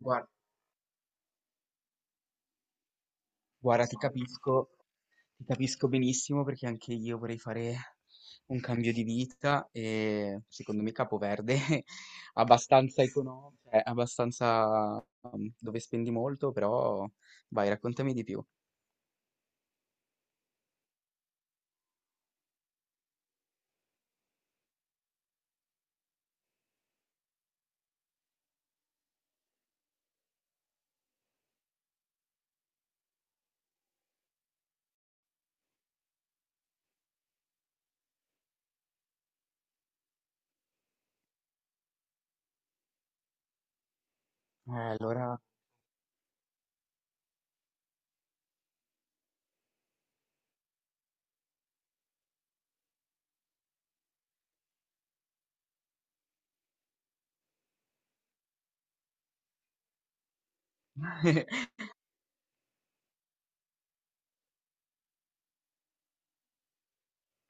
Guarda, guarda, ti capisco benissimo perché anche io vorrei fare un cambio di vita e secondo me Capoverde è abbastanza economico, cioè abbastanza dove spendi molto, però vai, raccontami di più. Allora.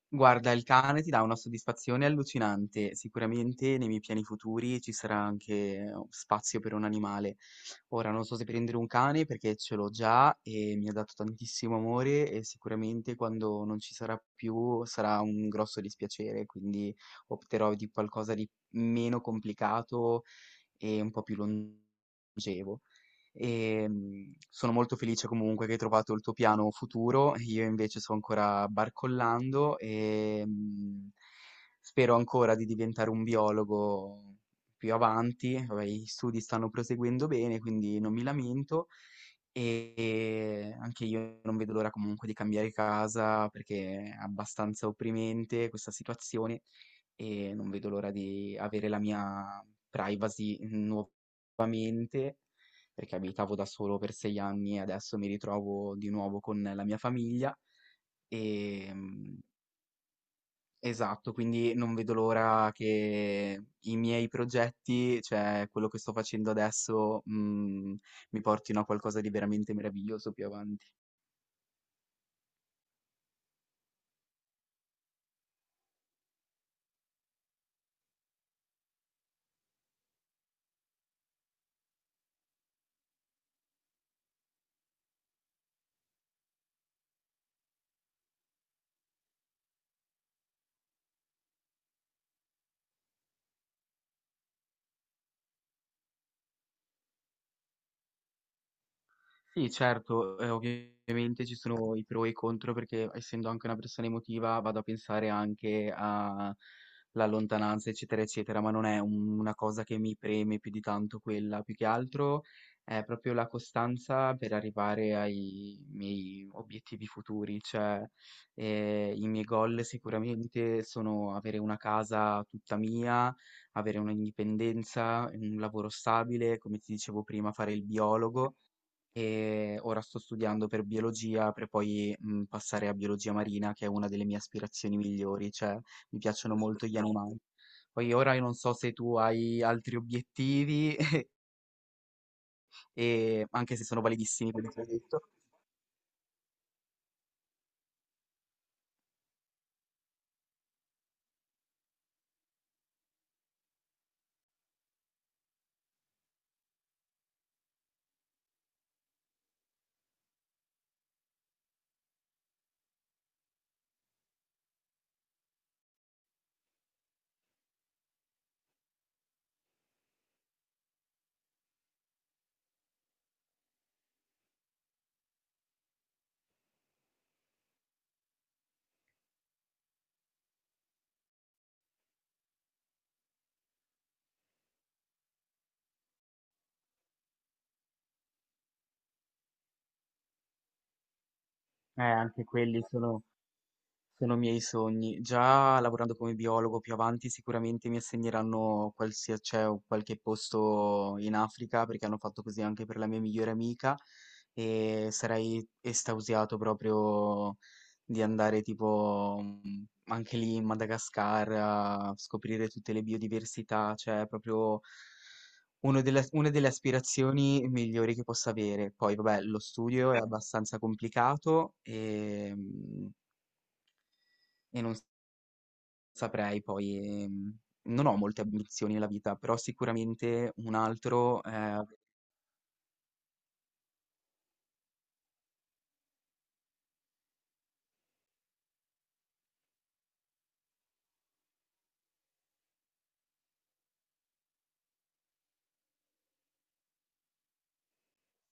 Guarda, il cane ti dà una soddisfazione allucinante. Sicuramente nei miei piani futuri ci sarà anche spazio per un animale. Ora non so se prendere un cane perché ce l'ho già e mi ha dato tantissimo amore e sicuramente quando non ci sarà più sarà un grosso dispiacere, quindi opterò di qualcosa di meno complicato e un po' più longevo e sono molto felice comunque che hai trovato il tuo piano futuro. Io invece sto ancora barcollando e spero ancora di diventare un biologo più avanti. Vabbè, gli studi stanno proseguendo bene, quindi non mi lamento. E anche io non vedo l'ora comunque di cambiare casa perché è abbastanza opprimente questa situazione e non vedo l'ora di avere la mia privacy nuovamente mente, perché abitavo da solo per 6 anni e adesso mi ritrovo di nuovo con la mia famiglia. E, esatto, quindi non vedo l'ora che i miei progetti, cioè quello che sto facendo adesso, mi portino a qualcosa di veramente meraviglioso più avanti. Sì, certo, ovviamente ci sono i pro e i contro perché essendo anche una persona emotiva vado a pensare anche alla lontananza, eccetera, eccetera, ma non è una cosa che mi preme più di tanto quella, più che altro è proprio la costanza per arrivare ai miei obiettivi futuri, cioè i miei goal sicuramente sono avere una casa tutta mia, avere un'indipendenza, un lavoro stabile, come ti dicevo prima, fare il biologo e ora sto studiando per biologia per poi passare a biologia marina, che è una delle mie aspirazioni migliori, cioè mi piacciono molto gli animali. Poi ora io non so se tu hai altri obiettivi, e, anche se sono validissimi quelli che hai detto. Anche quelli sono miei sogni. Già lavorando come biologo più avanti sicuramente mi assegneranno cioè, o qualche posto in Africa perché hanno fatto così anche per la mia migliore amica e sarei estasiato proprio di andare tipo anche lì in Madagascar a scoprire tutte le biodiversità, cioè è proprio una delle aspirazioni migliori che possa avere. Poi vabbè, lo studio è abbastanza complicato e non saprei poi, non ho molte ambizioni nella vita, però sicuramente un altro,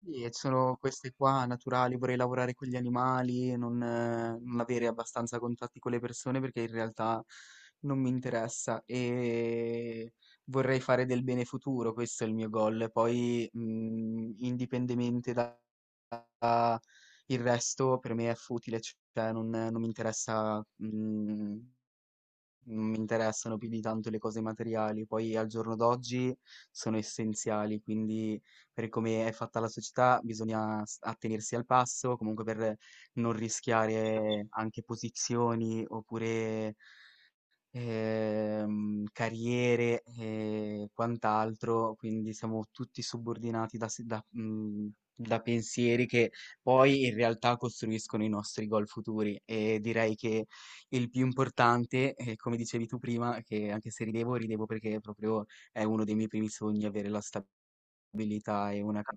sì, e sono queste qua naturali, vorrei lavorare con gli animali, non avere abbastanza contatti con le persone perché in realtà non mi interessa e vorrei fare del bene futuro, questo è il mio goal. Poi, indipendentemente da il resto per me è futile, cioè non mi interessa. Mhmm Non mi interessano più di tanto le cose materiali, poi al giorno d'oggi sono essenziali, quindi per come è fatta la società bisogna attenersi al passo, comunque per non rischiare anche posizioni oppure carriere e quant'altro, quindi siamo tutti subordinati da, si- da, mm, da pensieri che poi in realtà costruiscono i nostri goal futuri e direi che il più importante, come dicevi tu prima, che anche se ridevo, ridevo perché proprio è uno dei miei primi sogni avere la stabilità e una.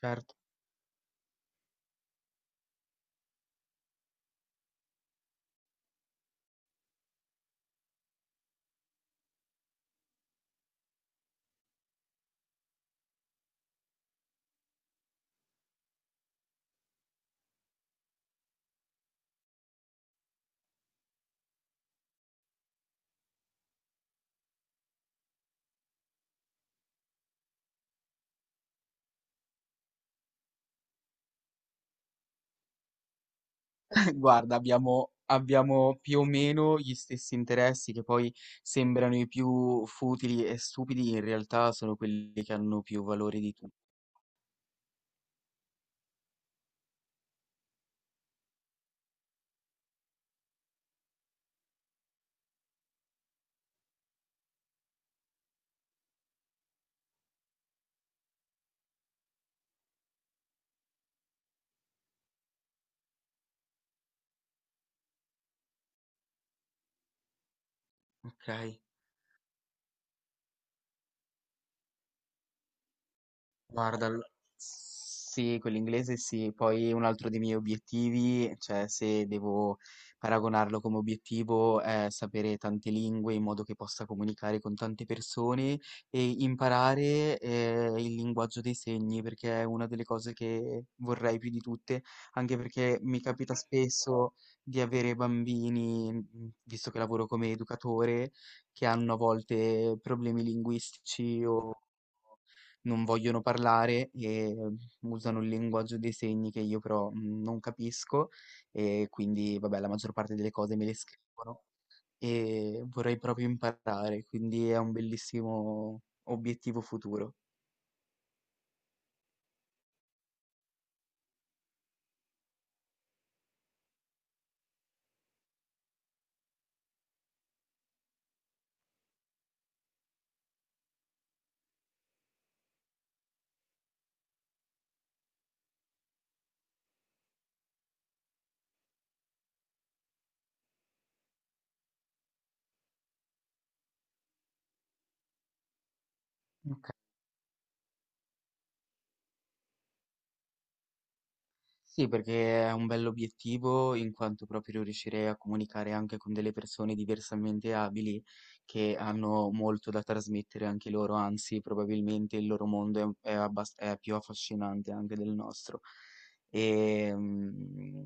Certo. Guarda, abbiamo, abbiamo più o meno gli stessi interessi che poi sembrano i più futili e stupidi, in realtà sono quelli che hanno più valore di tutti. Ok? Guarda, sì, quell'inglese sì, poi un altro dei miei obiettivi, cioè se devo paragonarlo come obiettivo, è sapere tante lingue in modo che possa comunicare con tante persone e imparare il linguaggio dei segni, perché è una delle cose che vorrei più di tutte, anche perché mi capita spesso di avere bambini, visto che lavoro come educatore, che hanno a volte problemi linguistici o non vogliono parlare e usano il linguaggio dei segni che io però non capisco e quindi vabbè la maggior parte delle cose me le scrivono e vorrei proprio imparare, quindi è un bellissimo obiettivo futuro. Ok. Sì, perché è un bell'obiettivo in quanto proprio riuscirei a comunicare anche con delle persone diversamente abili che hanno molto da trasmettere anche loro, anzi, probabilmente il loro mondo è, un- è abbas- è più affascinante anche del nostro. E,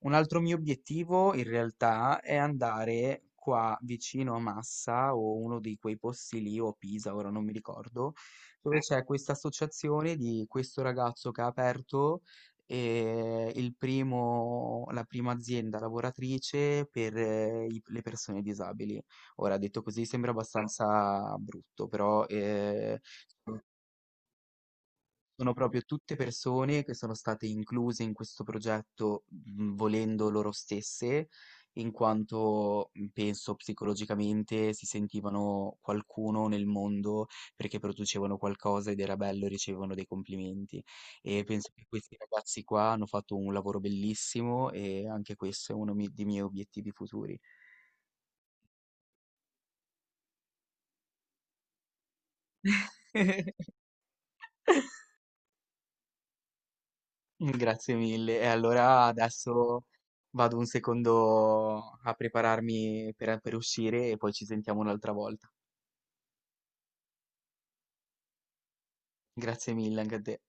un altro mio obiettivo in realtà è andare qua vicino a Massa o uno di quei posti lì o Pisa, ora non mi ricordo, dove c'è questa associazione di questo ragazzo che ha aperto e la prima azienda lavoratrice per le persone disabili. Ora, detto così sembra abbastanza brutto, però sono proprio tutte persone che sono state incluse in questo progetto, volendo loro stesse, in quanto penso psicologicamente si sentivano qualcuno nel mondo perché producevano qualcosa ed era bello e ricevevano dei complimenti. E penso che questi ragazzi qua hanno fatto un lavoro bellissimo e anche questo è uno dei miei obiettivi futuri. Grazie mille. E allora adesso vado un secondo a prepararmi per uscire e poi ci sentiamo un'altra volta. Grazie mille anche a te.